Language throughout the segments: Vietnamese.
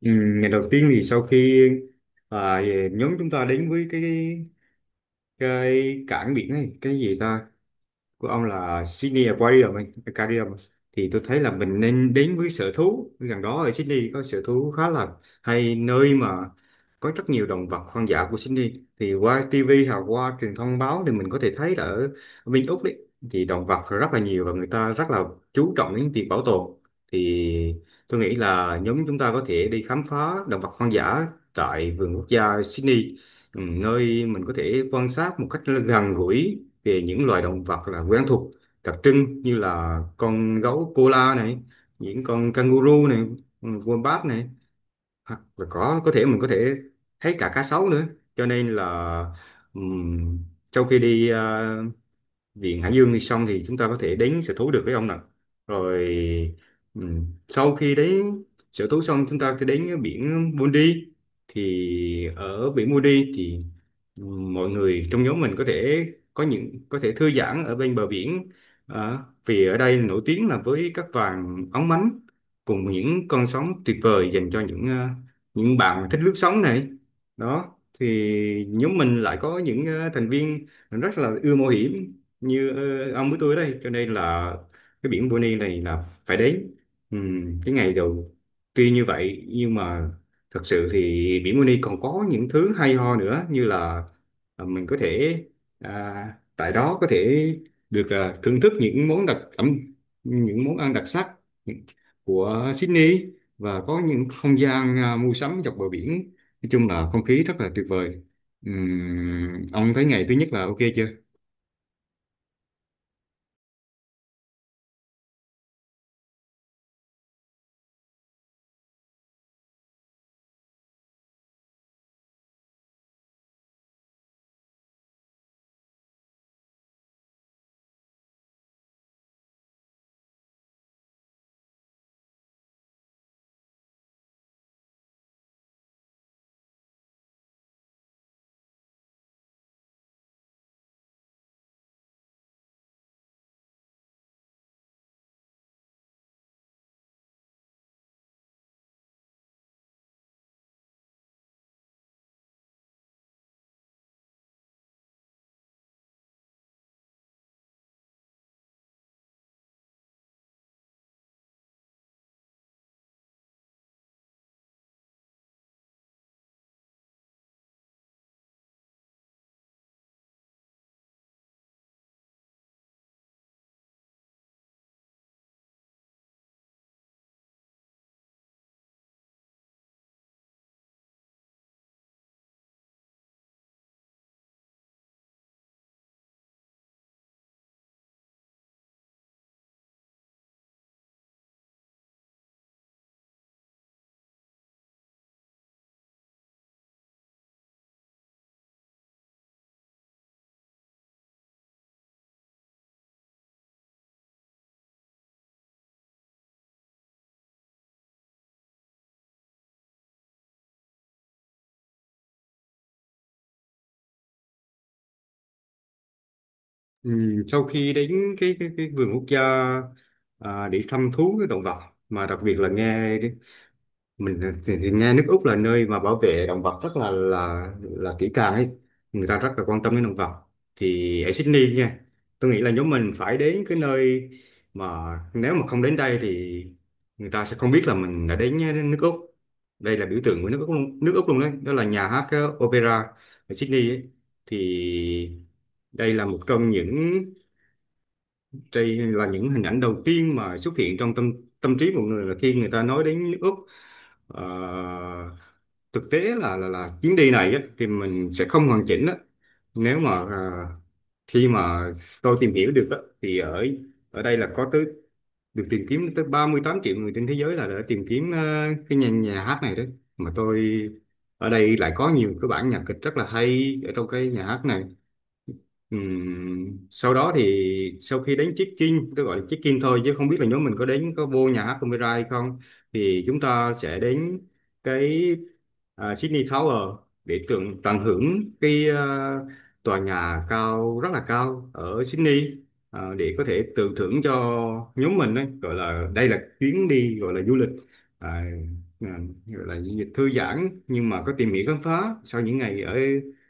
Ừ, ngày đầu tiên thì sau khi về nhóm chúng ta đến với cái cảng biển này cái gì ta của ông là Sydney Aquarium ấy, Aquarium thì tôi thấy là mình nên đến với sở thú gần đó ở Sydney. Có sở thú khá là hay, nơi mà có rất nhiều động vật hoang dã của Sydney. Thì qua TV hoặc qua truyền thông báo thì mình có thể thấy là ở bên Úc đấy thì động vật rất là nhiều và người ta rất là chú trọng đến việc bảo tồn. Thì tôi nghĩ là nhóm chúng ta có thể đi khám phá động vật hoang dã tại vườn quốc gia Sydney. Nơi mình có thể quan sát một cách gần gũi về những loài động vật là quen thuộc, đặc trưng như là con gấu koala này, những con kangaroo này, wombat này, hoặc là có thể mình có thể thấy cả cá sấu nữa. Cho nên là ừm, sau khi đi viện hải dương thì xong thì chúng ta có thể đến sở thú được với ông nè. Rồi. Sau khi đến sở thú xong chúng ta sẽ đến cái biển Bondi. Thì ở biển Moody thì mọi người trong nhóm mình có thể có những có thể thư giãn ở bên bờ biển. Ờ, Vì ở đây nổi tiếng là với các vàng óng mánh cùng những con sóng tuyệt vời dành cho những những bạn thích lướt sóng này đó. Thì nhóm mình lại có những thành viên rất là ưa mạo hiểm như ông với tôi ở đây, cho nên là cái biển Bonny này là phải đến. Cái ngày đầu tuy như vậy nhưng mà thật sự thì biển Bonny còn có những thứ hay ho nữa như là mình có thể à, tại đó có thể được thưởng thức những món đặc ẩm, những món ăn đặc sắc của Sydney, và có những không gian mua sắm dọc bờ biển. Nói chung là không khí rất là tuyệt vời. Ông thấy ngày thứ nhất là ok chưa? Sau khi đến cái vườn quốc gia để thăm thú cái động vật mà đặc biệt là nghe mình thì nghe nước Úc là nơi mà bảo vệ động vật rất là kỹ càng ấy, người ta rất là quan tâm đến động vật. Thì ở Sydney nha, tôi nghĩ là nhóm mình phải đến cái nơi mà nếu mà không đến đây thì người ta sẽ không biết là mình đã đến đến nước Úc. Đây là biểu tượng của nước Úc luôn, đấy, đó là nhà hát opera ở Sydney ấy. Thì đây là một trong những, đây là những hình ảnh đầu tiên mà xuất hiện trong tâm tâm trí mọi người là khi người ta nói đến nước Úc. Ờ, Thực tế là chuyến đi này á, thì mình sẽ không hoàn chỉnh á. Nếu mà khi mà tôi tìm hiểu được á, thì ở ở đây là có tới được tìm kiếm tới 38 triệu người trên thế giới là đã tìm kiếm cái nhà hát này đấy. Mà tôi ở đây lại có nhiều cái bản nhạc kịch rất là hay ở trong cái nhà hát này. Sau đó thì sau khi đến check-in, tôi gọi là check-in thôi chứ không biết là nhóm mình có đến có vô nhà hát Omira hay không, thì chúng ta sẽ đến cái Sydney Tower để tận tận hưởng cái tòa nhà cao rất là cao ở Sydney, để có thể tự thưởng cho nhóm mình đấy, gọi là đây là chuyến đi gọi là du lịch à, à, gọi là du lịch thư giãn nhưng mà có tìm hiểu khám phá sau những ngày ở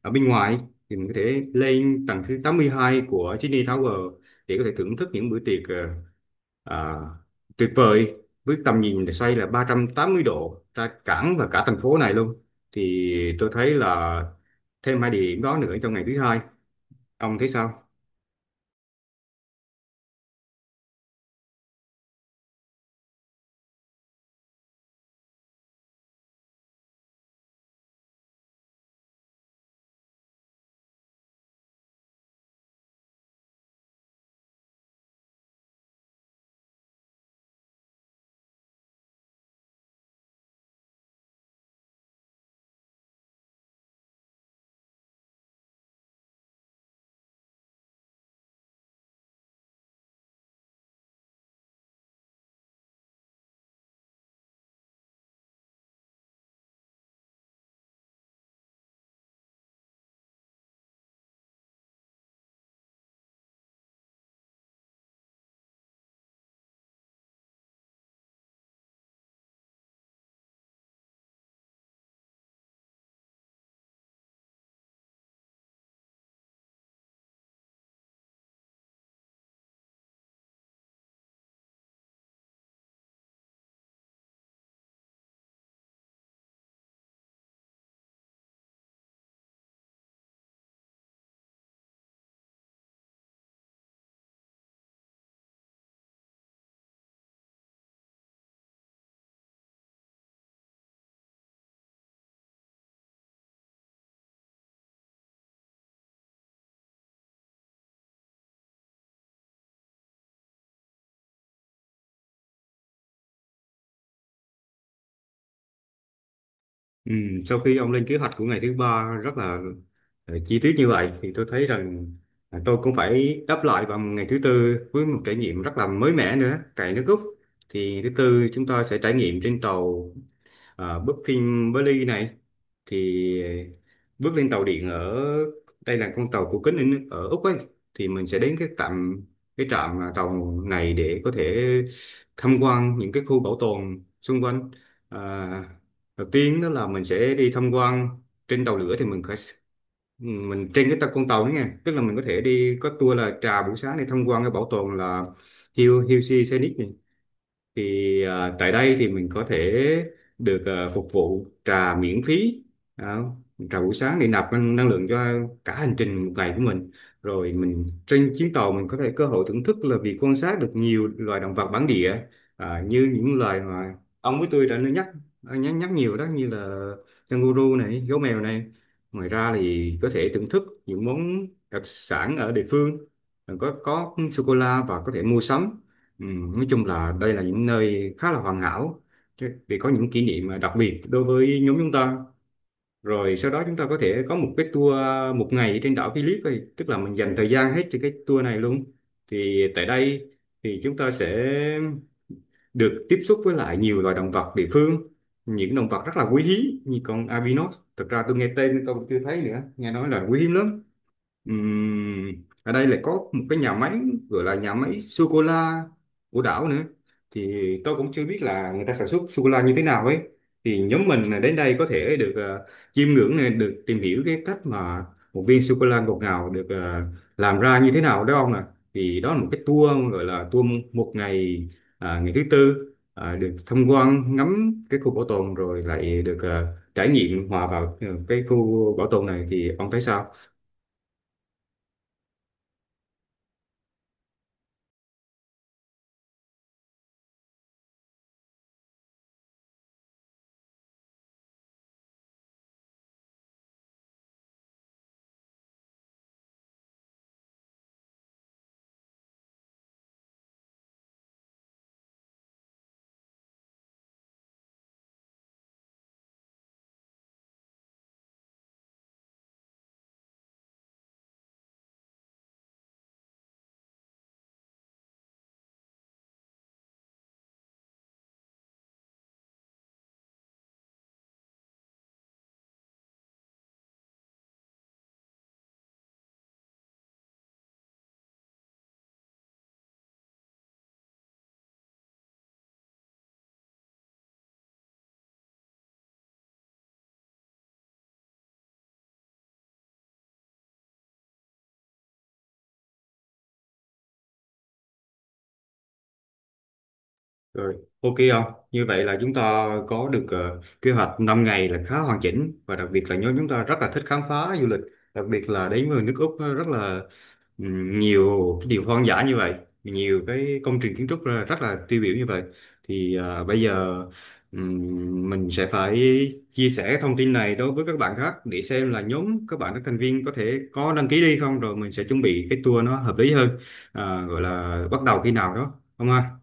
ở bên ngoài. Thì mình có thể lên tầng thứ 82 của Sydney Tower để có thể thưởng thức những bữa tiệc à, tuyệt vời với tầm nhìn xoay là 380 độ ra cảng và cả thành phố này luôn. Thì tôi thấy là thêm hai địa điểm đó nữa trong ngày thứ hai, ông thấy sao? ừ, Sau khi ông lên kế hoạch của ngày thứ ba rất là chi tiết như vậy thì tôi thấy rằng là tôi cũng phải đáp lại vào ngày thứ tư với một trải nghiệm rất là mới mẻ nữa tại nước Úc. Thì thứ tư chúng ta sẽ trải nghiệm trên tàu. À, bước phim với này thì bước lên tàu điện ở đây là con tàu của kính in- ở Úc ấy. Thì mình sẽ đến cái trạm tàu này để có thể tham quan những cái khu bảo tồn xung quanh. à, Đầu tiên đó là mình sẽ đi tham quan trên tàu lửa thì mình phải mình trên cái tàu con tàu đó nha, tức là mình có thể đi có tour là trà buổi sáng để tham quan cái bảo tồn là Hill Hill Sea Scenic. Thì tại đây thì mình có thể được phục vụ trà miễn phí đó. Trà buổi sáng để nạp năng năng lượng cho cả hành trình một ngày của mình. Rồi mình trên chuyến tàu mình có thể cơ hội thưởng thức là việc quan sát được nhiều loài động vật bản địa, như những loài mà ông với tôi đã nhắc nhắc nhắc nhiều đó, như là canguru này, gấu mèo này. Ngoài ra thì có thể thưởng thức những món đặc sản ở địa phương, có sô cô la, và có thể mua sắm. Ừ, nói chung là đây là những nơi khá là hoàn hảo, vì có những kỷ niệm mà đặc biệt đối với nhóm chúng ta. Rồi sau đó chúng ta có thể có một cái tour một ngày trên đảo Phillip ấy, tức là mình dành thời gian hết trên cái tour này luôn. Thì tại đây thì chúng ta sẽ được tiếp xúc với lại nhiều loài động vật địa phương, những động vật rất là quý hiếm như con Avinos, thực ra tôi nghe tên tôi cũng chưa thấy nữa, nghe nói là quý hiếm lắm. Ừm, Ở đây lại có một cái nhà máy, gọi là nhà máy sô cô la của đảo nữa. Thì tôi cũng chưa biết là người ta sản xuất sô cô la như thế nào ấy. Thì nhóm mình là đến đây có thể được chiêm ngưỡng này, được tìm hiểu cái cách mà một viên sô cô la ngọt ngào được làm ra như thế nào đó ông nè. Thì đó là một cái tour, gọi là tour một ngày, ngày thứ tư được tham quan ngắm cái khu bảo tồn rồi lại được trải nghiệm hòa vào cái khu bảo tồn này, thì ông thấy sao? Rồi, ok không? Như vậy là chúng ta có được kế hoạch 5 ngày là khá hoàn chỉnh, và đặc biệt là nhóm chúng ta rất là thích khám phá du lịch, đặc biệt là đến với nước Úc rất là nhiều cái điều hoang dã như vậy, nhiều cái công trình kiến trúc ra rất là tiêu biểu như vậy. Thì bây giờ mình sẽ phải chia sẻ cái thông tin này đối với các bạn khác để xem là nhóm các bạn các thành viên có thể có đăng ký đi không, rồi mình sẽ chuẩn bị cái tour nó hợp lý hơn, gọi là bắt đầu khi nào đó. Không ha?